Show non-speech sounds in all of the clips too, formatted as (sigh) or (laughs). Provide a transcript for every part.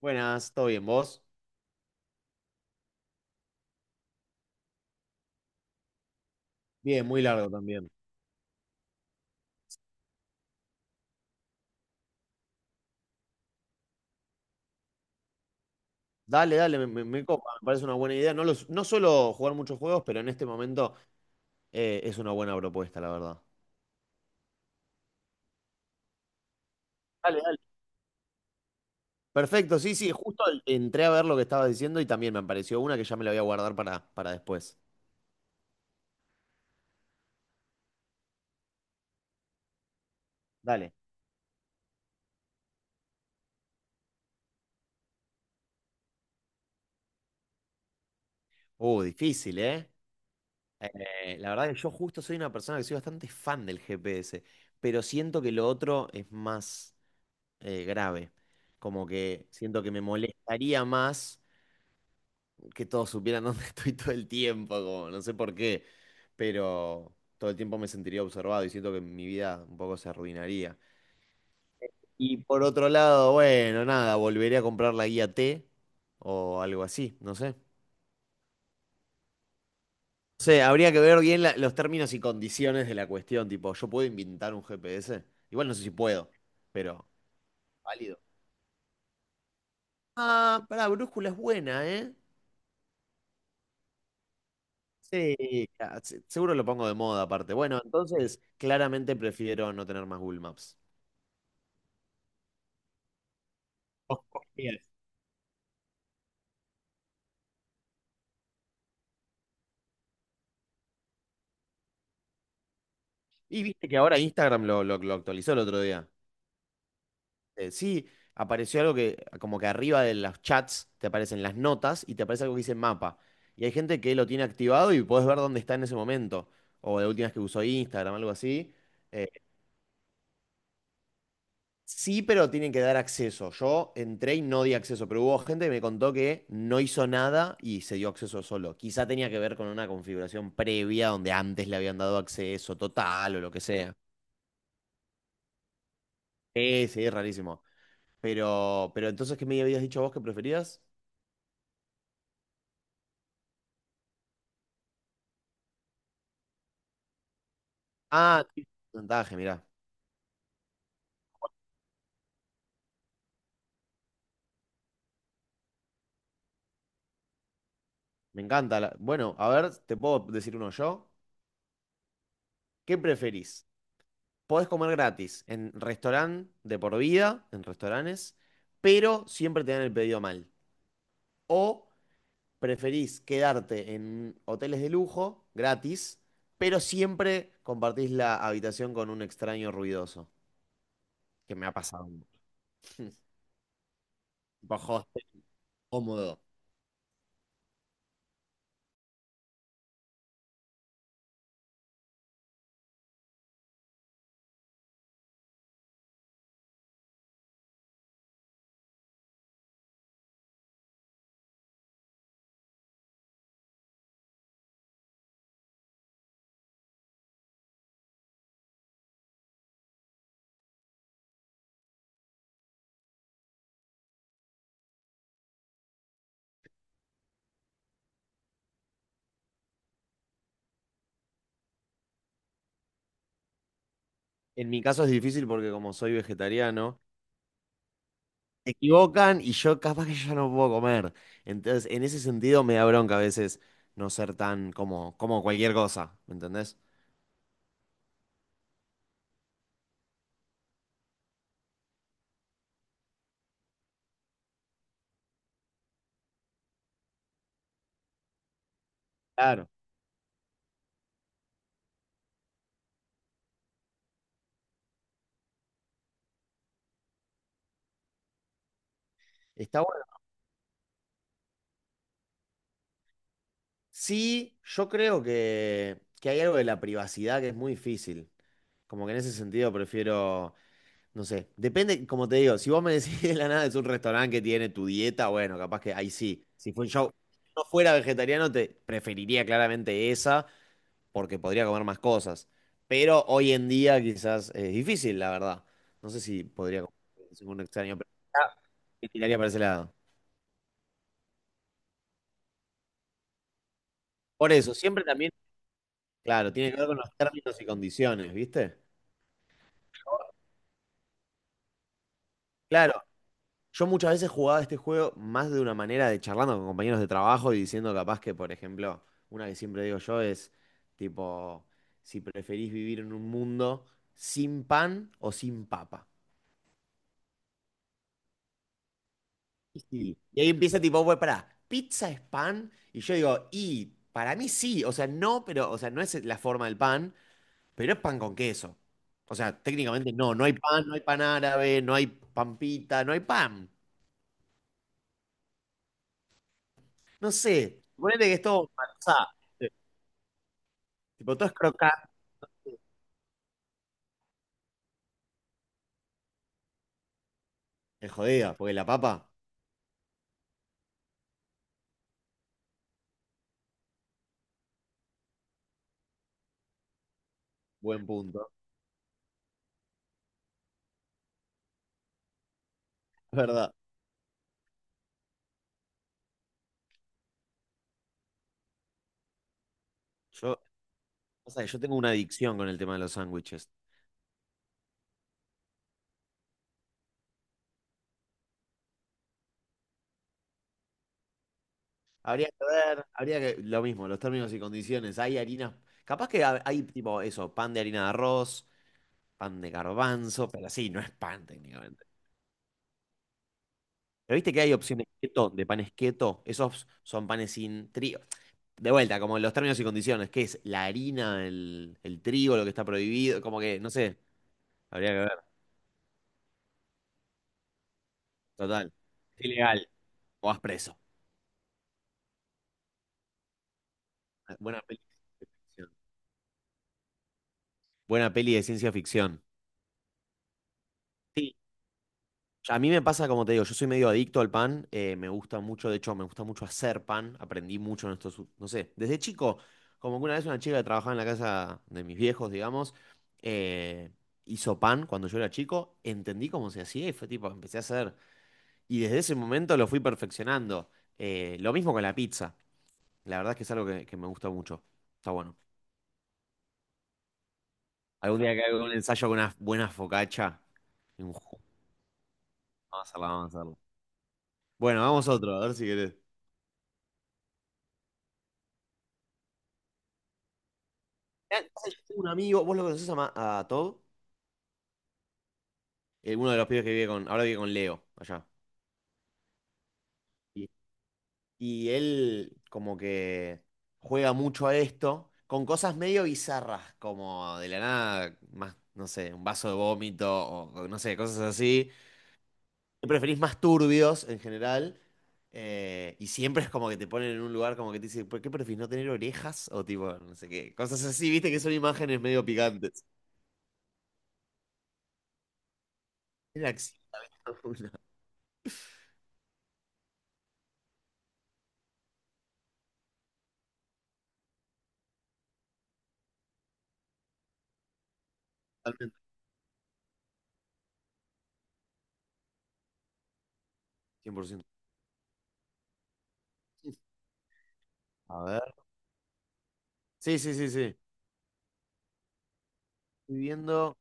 Buenas, ¿todo bien? ¿Vos? Bien, muy largo también. Dale, dale, me copa, me parece una buena idea. No, no suelo jugar muchos juegos, pero en este momento es una buena propuesta, la verdad. Dale, dale. Perfecto, sí, sí, entré a ver lo que estabas diciendo y también me apareció una que ya me la voy a guardar para después. Dale. Difícil, ¿eh? La verdad que yo justo soy una persona que soy bastante fan del GPS, pero siento que lo otro es más grave. Como que siento que me molestaría más que todos supieran dónde (laughs) estoy todo el tiempo, como no sé por qué, pero todo el tiempo me sentiría observado y siento que mi vida un poco se arruinaría. Y por otro lado, bueno, nada, volveré a comprar la guía T o algo así, no sé. No sé, habría que ver bien los términos y condiciones de la cuestión, tipo, ¿yo puedo inventar un GPS? Igual no sé si puedo, pero válido. Ah, pará, brújula es buena, ¿eh? Sí, ah, seguro lo pongo de moda aparte. Bueno, entonces claramente prefiero no tener más Google Maps. Dos comidas. Y viste que ahora Instagram lo actualizó el otro día. Sí, apareció algo que, como que arriba de los chats te aparecen las notas y te aparece algo que dice mapa. Y hay gente que lo tiene activado y podés ver dónde está en ese momento. O la última vez que usó Instagram, algo así. Eh, sí, pero tienen que dar acceso. Yo entré y no di acceso, pero hubo gente que me contó que no hizo nada y se dio acceso solo. Quizá tenía que ver con una configuración previa donde antes le habían dado acceso total o lo que sea. Sí, sí, es rarísimo. Pero entonces, ¿qué me habías dicho vos que preferías? Ah, sí. Porcentaje, mirá. Me encanta. Bueno, a ver, te puedo decir uno yo. ¿Qué preferís? Podés comer gratis en restaurante de por vida, en restaurantes, pero siempre te dan el pedido mal. O preferís quedarte en hoteles de lujo, gratis, pero siempre compartís la habitación con un extraño ruidoso, que me ha pasado. (laughs) Bajo hostel cómodo. En mi caso es difícil porque como soy vegetariano, se equivocan y yo capaz que ya no puedo comer. Entonces, en ese sentido me da bronca a veces no ser tan como, como cualquier cosa, ¿me entendés? Claro. Está bueno. Sí, yo creo que hay algo de la privacidad que es muy difícil. Como que en ese sentido prefiero, no sé, depende, como te digo, si vos me decís (laughs) de la nada es un restaurante que tiene tu dieta, bueno, capaz que ahí sí. Si fue yo, si no fuera vegetariano, te preferiría claramente esa, porque podría comer más cosas. Pero hoy en día quizás es difícil, la verdad. No sé si podría comer un extraño, pero ya me tiraría para ese lado. Por eso, siempre también, claro, tiene que ver con los términos y condiciones, ¿viste? Claro, yo muchas veces jugaba este juego más de una manera de charlando con compañeros de trabajo y diciendo capaz que, por ejemplo, una que siempre digo yo es tipo, si preferís vivir en un mundo sin pan o sin papa. Y ahí empieza tipo, bueno, pará, ¿pizza es pan? Y yo digo, y para mí sí, o sea, no, pero, o sea, no es la forma del pan, pero es pan con queso. O sea, técnicamente no hay pan, no hay pan árabe, no hay pampita, no hay pan. No sé, ponele que es todo marzá. eh, Tipo, todo es crocante. Es jodida, porque la papa, buen punto, es verdad. Yo, o sea, yo tengo una adicción con el tema de los sándwiches. Habría que ver, habría que, lo mismo, los términos y condiciones. Hay harinas, capaz que hay tipo eso, pan de harina de arroz, pan de garbanzo, pero sí, no es pan técnicamente. Pero viste que hay opciones keto, de panes keto, esos son panes sin trigo. De vuelta, como los términos y condiciones, ¿qué es? La harina, el trigo, lo que está prohibido, como que, no sé, habría que ver, total. Es ilegal, o vas preso. Ah, buena peli de ciencia ficción. Buena peli de ciencia ficción. A mí me pasa, como te digo, yo soy medio adicto al pan, me gusta mucho, de hecho, me gusta mucho hacer pan, aprendí mucho en estos, no sé, desde chico, como que una vez una chica que trabajaba en la casa de mis viejos, digamos, eh, hizo pan cuando yo era chico, entendí cómo se hacía y fue tipo, empecé a hacer, y desde ese momento lo fui perfeccionando. Lo mismo con la pizza, la verdad es que es algo que me gusta mucho, está bueno. Algún día que haga un ensayo con una buena focaccia, y un vamos a hacerla, vamos a hacerla. Bueno, vamos a otro, a ver si querés. Mirá, pasa que yo tengo un amigo, vos lo conocés a, a Todd. Uno de los pibes que vive con, ahora vive con Leo allá. Y, y él como que juega mucho a esto, con cosas medio bizarras, como de la nada, más, no sé, un vaso de vómito o no sé, cosas así. Siempre preferís más turbios en general. Y siempre es como que te ponen en un lugar como que te dicen, ¿por qué preferís no tener orejas? O tipo, no sé qué, cosas así, viste que son imágenes medio picantes. Era acción, (laughs) una, totalmente, 100%. A ver. Sí, sí, sí, sí. Estoy viendo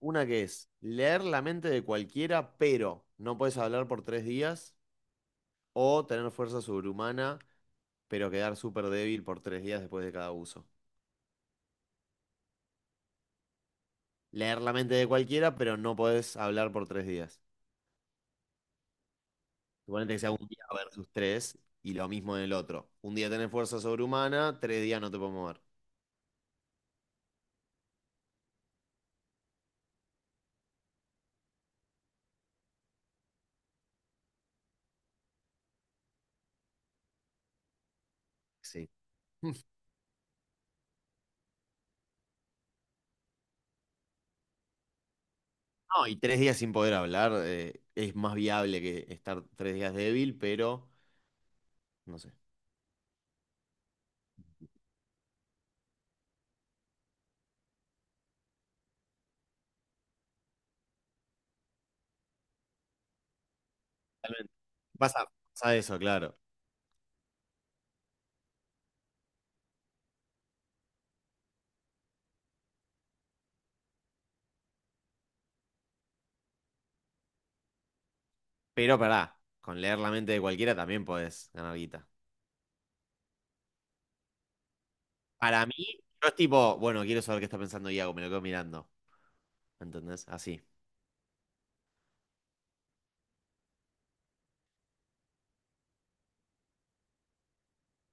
una que es leer la mente de cualquiera, pero no puedes hablar por 3 días, o tener fuerza sobrehumana, pero quedar súper débil por 3 días después de cada uso. Leer la mente de cualquiera, pero no puedes hablar por tres días. Suponete que sea 1 día versus 3, y lo mismo en el otro. 1 día tenés fuerza sobrehumana, 3 días no te puedes mover. Sí. (laughs) No, y tres días sin poder hablar es más viable que estar 3 días débil, pero no sé. Totalmente. Pasa, pasa eso, claro. Pero pará, con leer la mente de cualquiera también podés ganar guita. Para mí, no es tipo, bueno, quiero saber qué está pensando Iago, me lo quedo mirando. ¿Entendés? Así.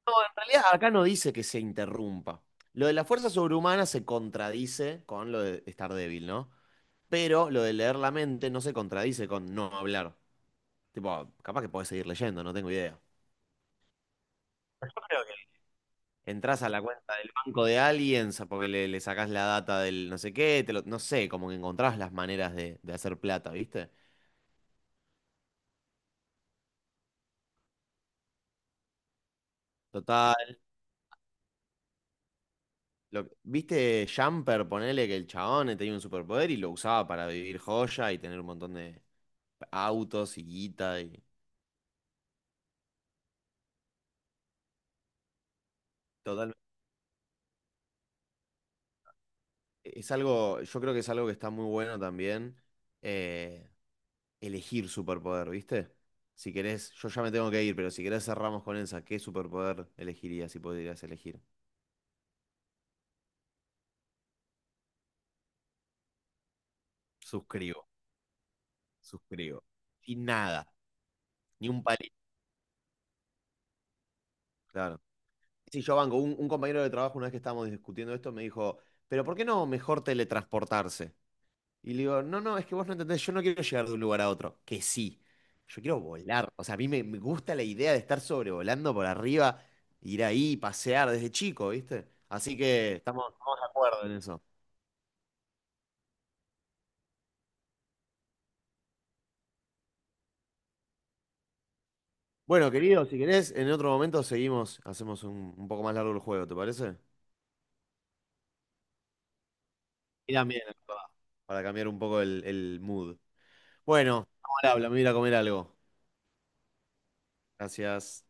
En realidad, acá no dice que se interrumpa. Lo de la fuerza sobrehumana se contradice con lo de estar débil, ¿no? Pero lo de leer la mente no se contradice con no hablar. Tipo, capaz que podés seguir leyendo, no tengo idea. Entrás a la cuenta del banco de alguien, porque le sacás la data del no sé qué, no sé, como que encontrás las maneras de hacer plata, ¿viste? Total. ¿Viste Jumper? Ponele que el chabón tenía un superpoder y lo usaba para vivir joya y tener un montón de autos y guita y total. Es algo, yo creo que es algo que está muy bueno también, eh, elegir superpoder, ¿viste? Si querés, yo ya me tengo que ir, pero si querés cerramos con esa, ¿qué superpoder elegirías si podrías elegir? Suscribo. Suscribo. Sin nada, ni un palito. Claro. Sí, yo banco. Un compañero de trabajo, una vez que estábamos discutiendo esto, me dijo, pero ¿por qué no mejor teletransportarse? Y le digo, no, no, es que vos no entendés, yo no quiero llegar de un lugar a otro. Que sí, yo quiero volar. O sea, a mí me gusta la idea de estar sobrevolando por arriba, ir ahí, pasear desde chico, ¿viste? Así que estamos, estamos de acuerdo en eso. Bueno, querido, si querés, en otro momento seguimos, hacemos un poco más largo el juego, ¿te parece? Y también, es verdad, para cambiar un poco el mood. Bueno, ahora habla, me voy a ir a comer algo. Gracias.